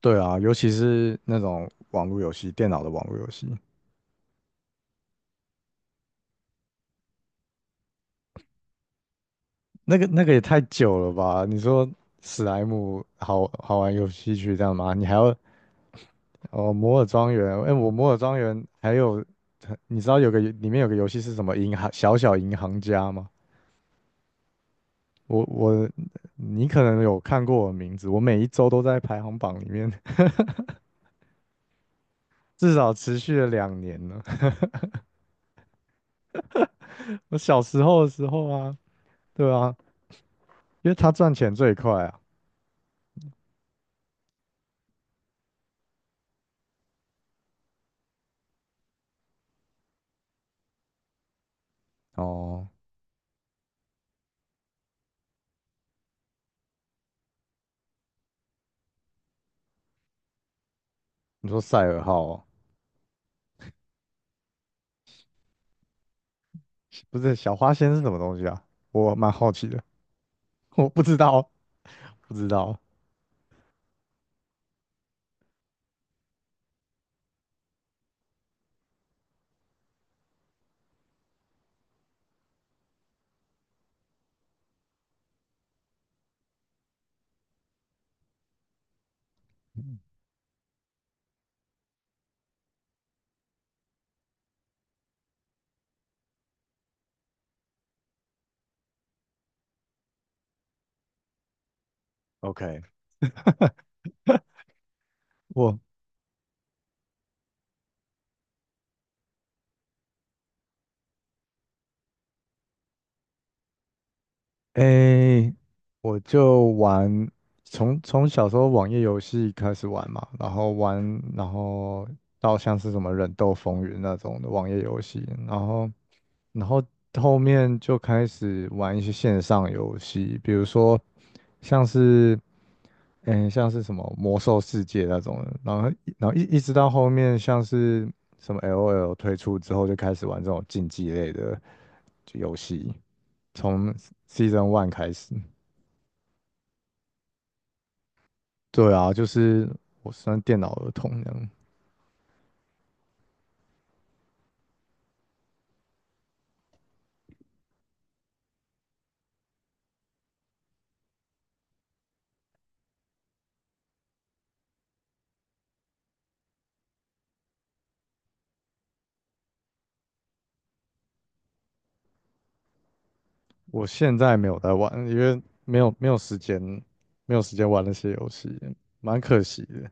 对啊，尤其是那种网络游戏，电脑的网络游戏，那个也太久了吧？你说史莱姆好好玩游戏去这样吗？你还要哦摩尔庄园？哎、我摩尔庄园还有，你知道有个里面有个游戏是什么银行小小银行家吗？我你可能有看过我的名字，我每一周都在排行榜里面，至少持续了2年了。我小时候的时候啊，对啊，因为他赚钱最快啊。哦，你说赛尔号哦？不是小花仙是什么东西啊？我蛮好奇的，我不知道，不知道。OK，我诶、我就玩，从小时候网页游戏开始玩嘛，然后玩，然后到像是什么忍斗风云那种的网页游戏，然后后面就开始玩一些线上游戏，比如说像是。像是什么魔兽世界那种的，然后一直到后面像是什么 LOL 推出之后，就开始玩这种竞技类的游戏，从 Season 1 开始。对啊，就是我算电脑儿童这样。我现在没有在玩，因为没有时间，没有时间玩那些游戏，蛮可惜的。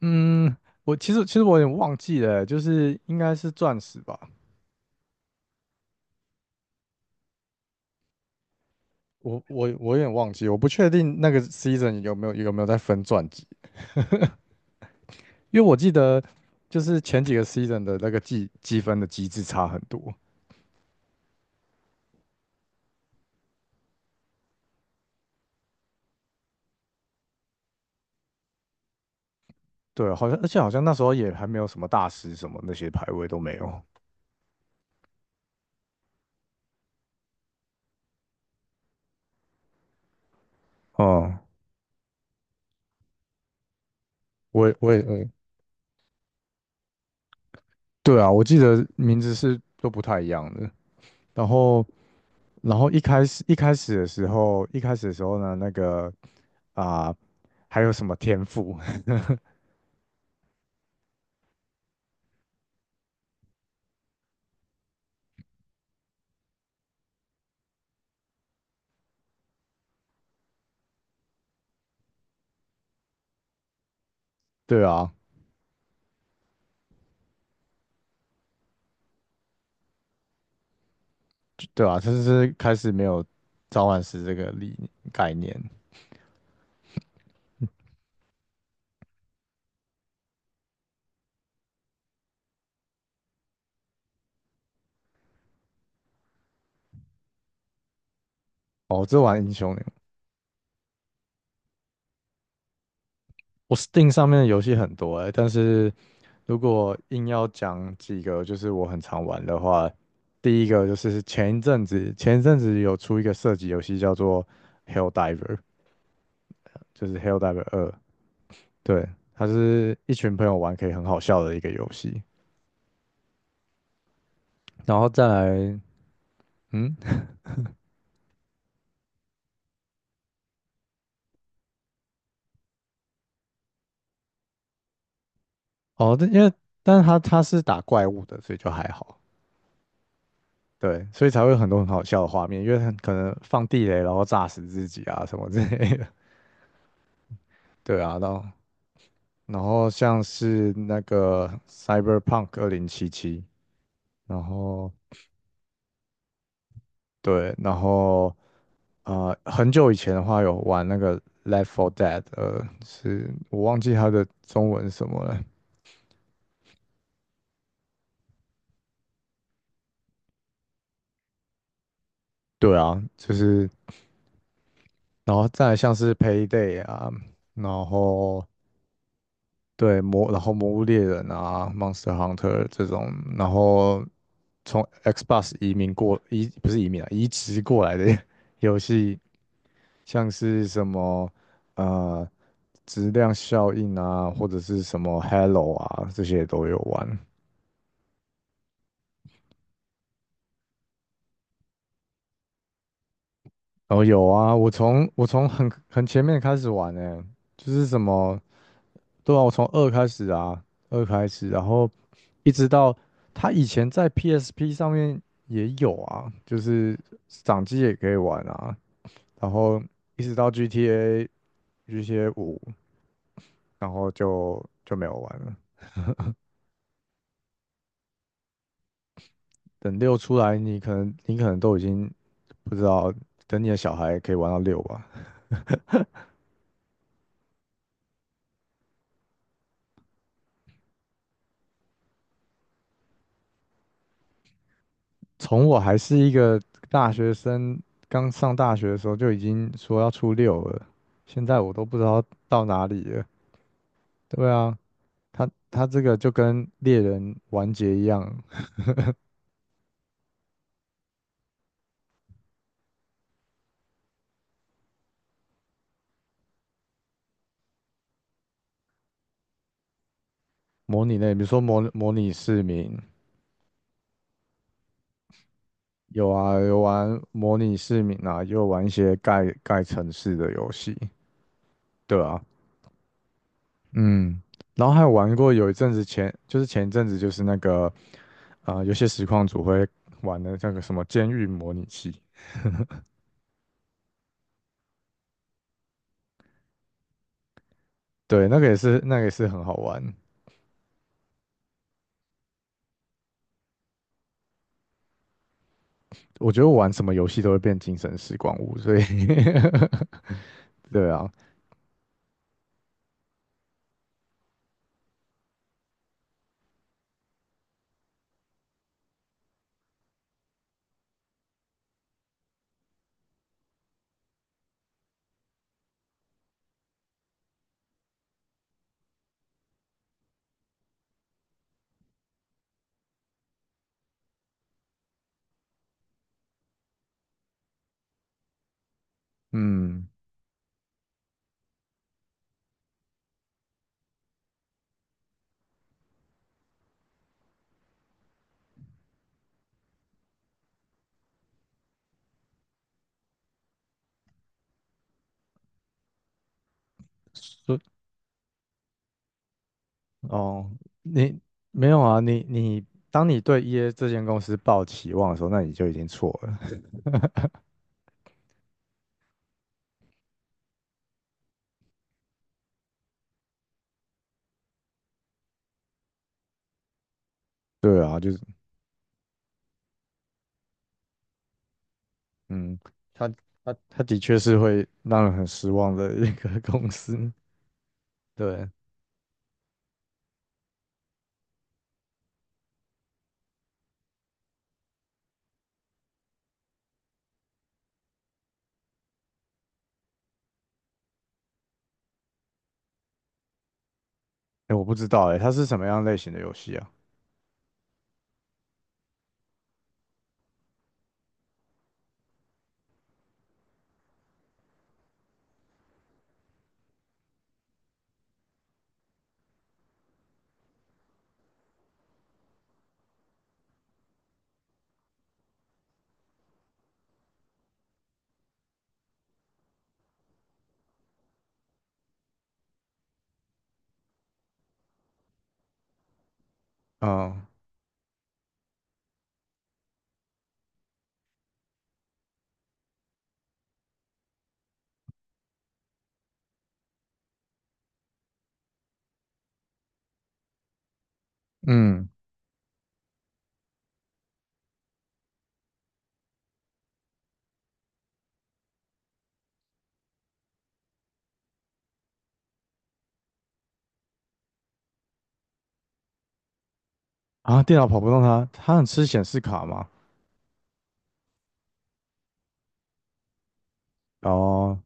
嗯，我其实我有点忘记了，就是应该是钻石吧，我有点忘记，我不确定那个 season 有没有在分传记，因为我记得就是前几个 season 的那个计积分的机制差很多。对，好像而且好像那时候也还没有什么大师什么那些排位都没有。哦、我也我也呃，对啊，我记得名字是都不太一样的。然后然后一开始的时候，一开始的时候呢，那个啊、还有什么天赋？对啊，对啊，他是开始没有召唤师这个理概念。哦，这玩英雄联盟。我 Steam 上面的游戏很多哎、但是如果硬要讲几个，就是我很常玩的话，第一个就是前一阵子有出一个射击游戏叫做《Hell Diver》，就是《Hell Diver 2》，对，它是一群朋友玩可以很好笑的一个游戏。然后再来，嗯，哦，但因为但是它是打怪物的，所以就还好。对，所以才会有很多很好笑的画面，因为很可能放地雷，然后炸死自己啊什么之类的。对啊，然后像是那个 Cyberpunk 2077，然后对，然后很久以前的话有玩那个 Left 4 Dead，是我忘记它的中文是什么了。对啊，就是然后再来像是 Payday 啊，然后然后魔物猎人啊，Monster Hunter 这种，然后从 Xbox 移民过移不是移民啊，移植过来的 游戏，像是什么呃质量效应啊，或者是什么 Hello 啊，这些都有玩。哦，有啊，我从很前面开始玩呢、就是什么对啊，我从二开始啊，二开始，然后一直到他以前在 PSP 上面也有啊，就是掌机也可以玩啊，然后一直到 GTA。GTA 5，然后就没有玩了。等六出来，你可能都已经不知道，等你的小孩可以玩到六吧。从我还是一个大学生，刚上大学的时候就已经说要出六了，现在我都不知道到哪里了。对啊，他这个就跟猎人完结一样，模拟类，比如说模拟市民，有啊，有玩模拟市民啊，也有玩一些盖城市的游戏，对啊。嗯，然后还有玩过有一阵子前，就是前一阵子就是那个，有些实况组会玩的那个什么监狱模拟器，对，那个也是很好玩。我觉得我玩什么游戏都会变精神时光屋，所以 对啊，嗯，说哦，你没有啊，你当你对 EA 这间公司抱期望的时候，那你就已经错了。对啊，就是嗯，他他的确是会让人很失望的一个公司，对。哎，我不知道哎，它是什么样类型的游戏啊？嗯嗯电脑跑不动它，它很吃显示卡吗？哦，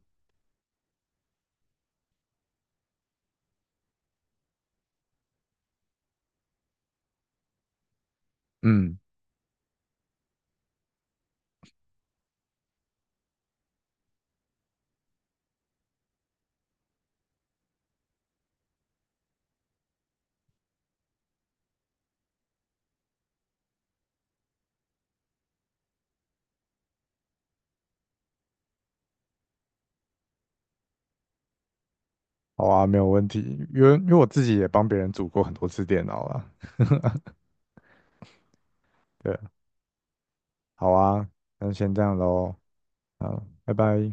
嗯，好啊，没有问题，因为我自己也帮别人组过很多次电脑了。对，好啊，那先这样喽，好，拜拜。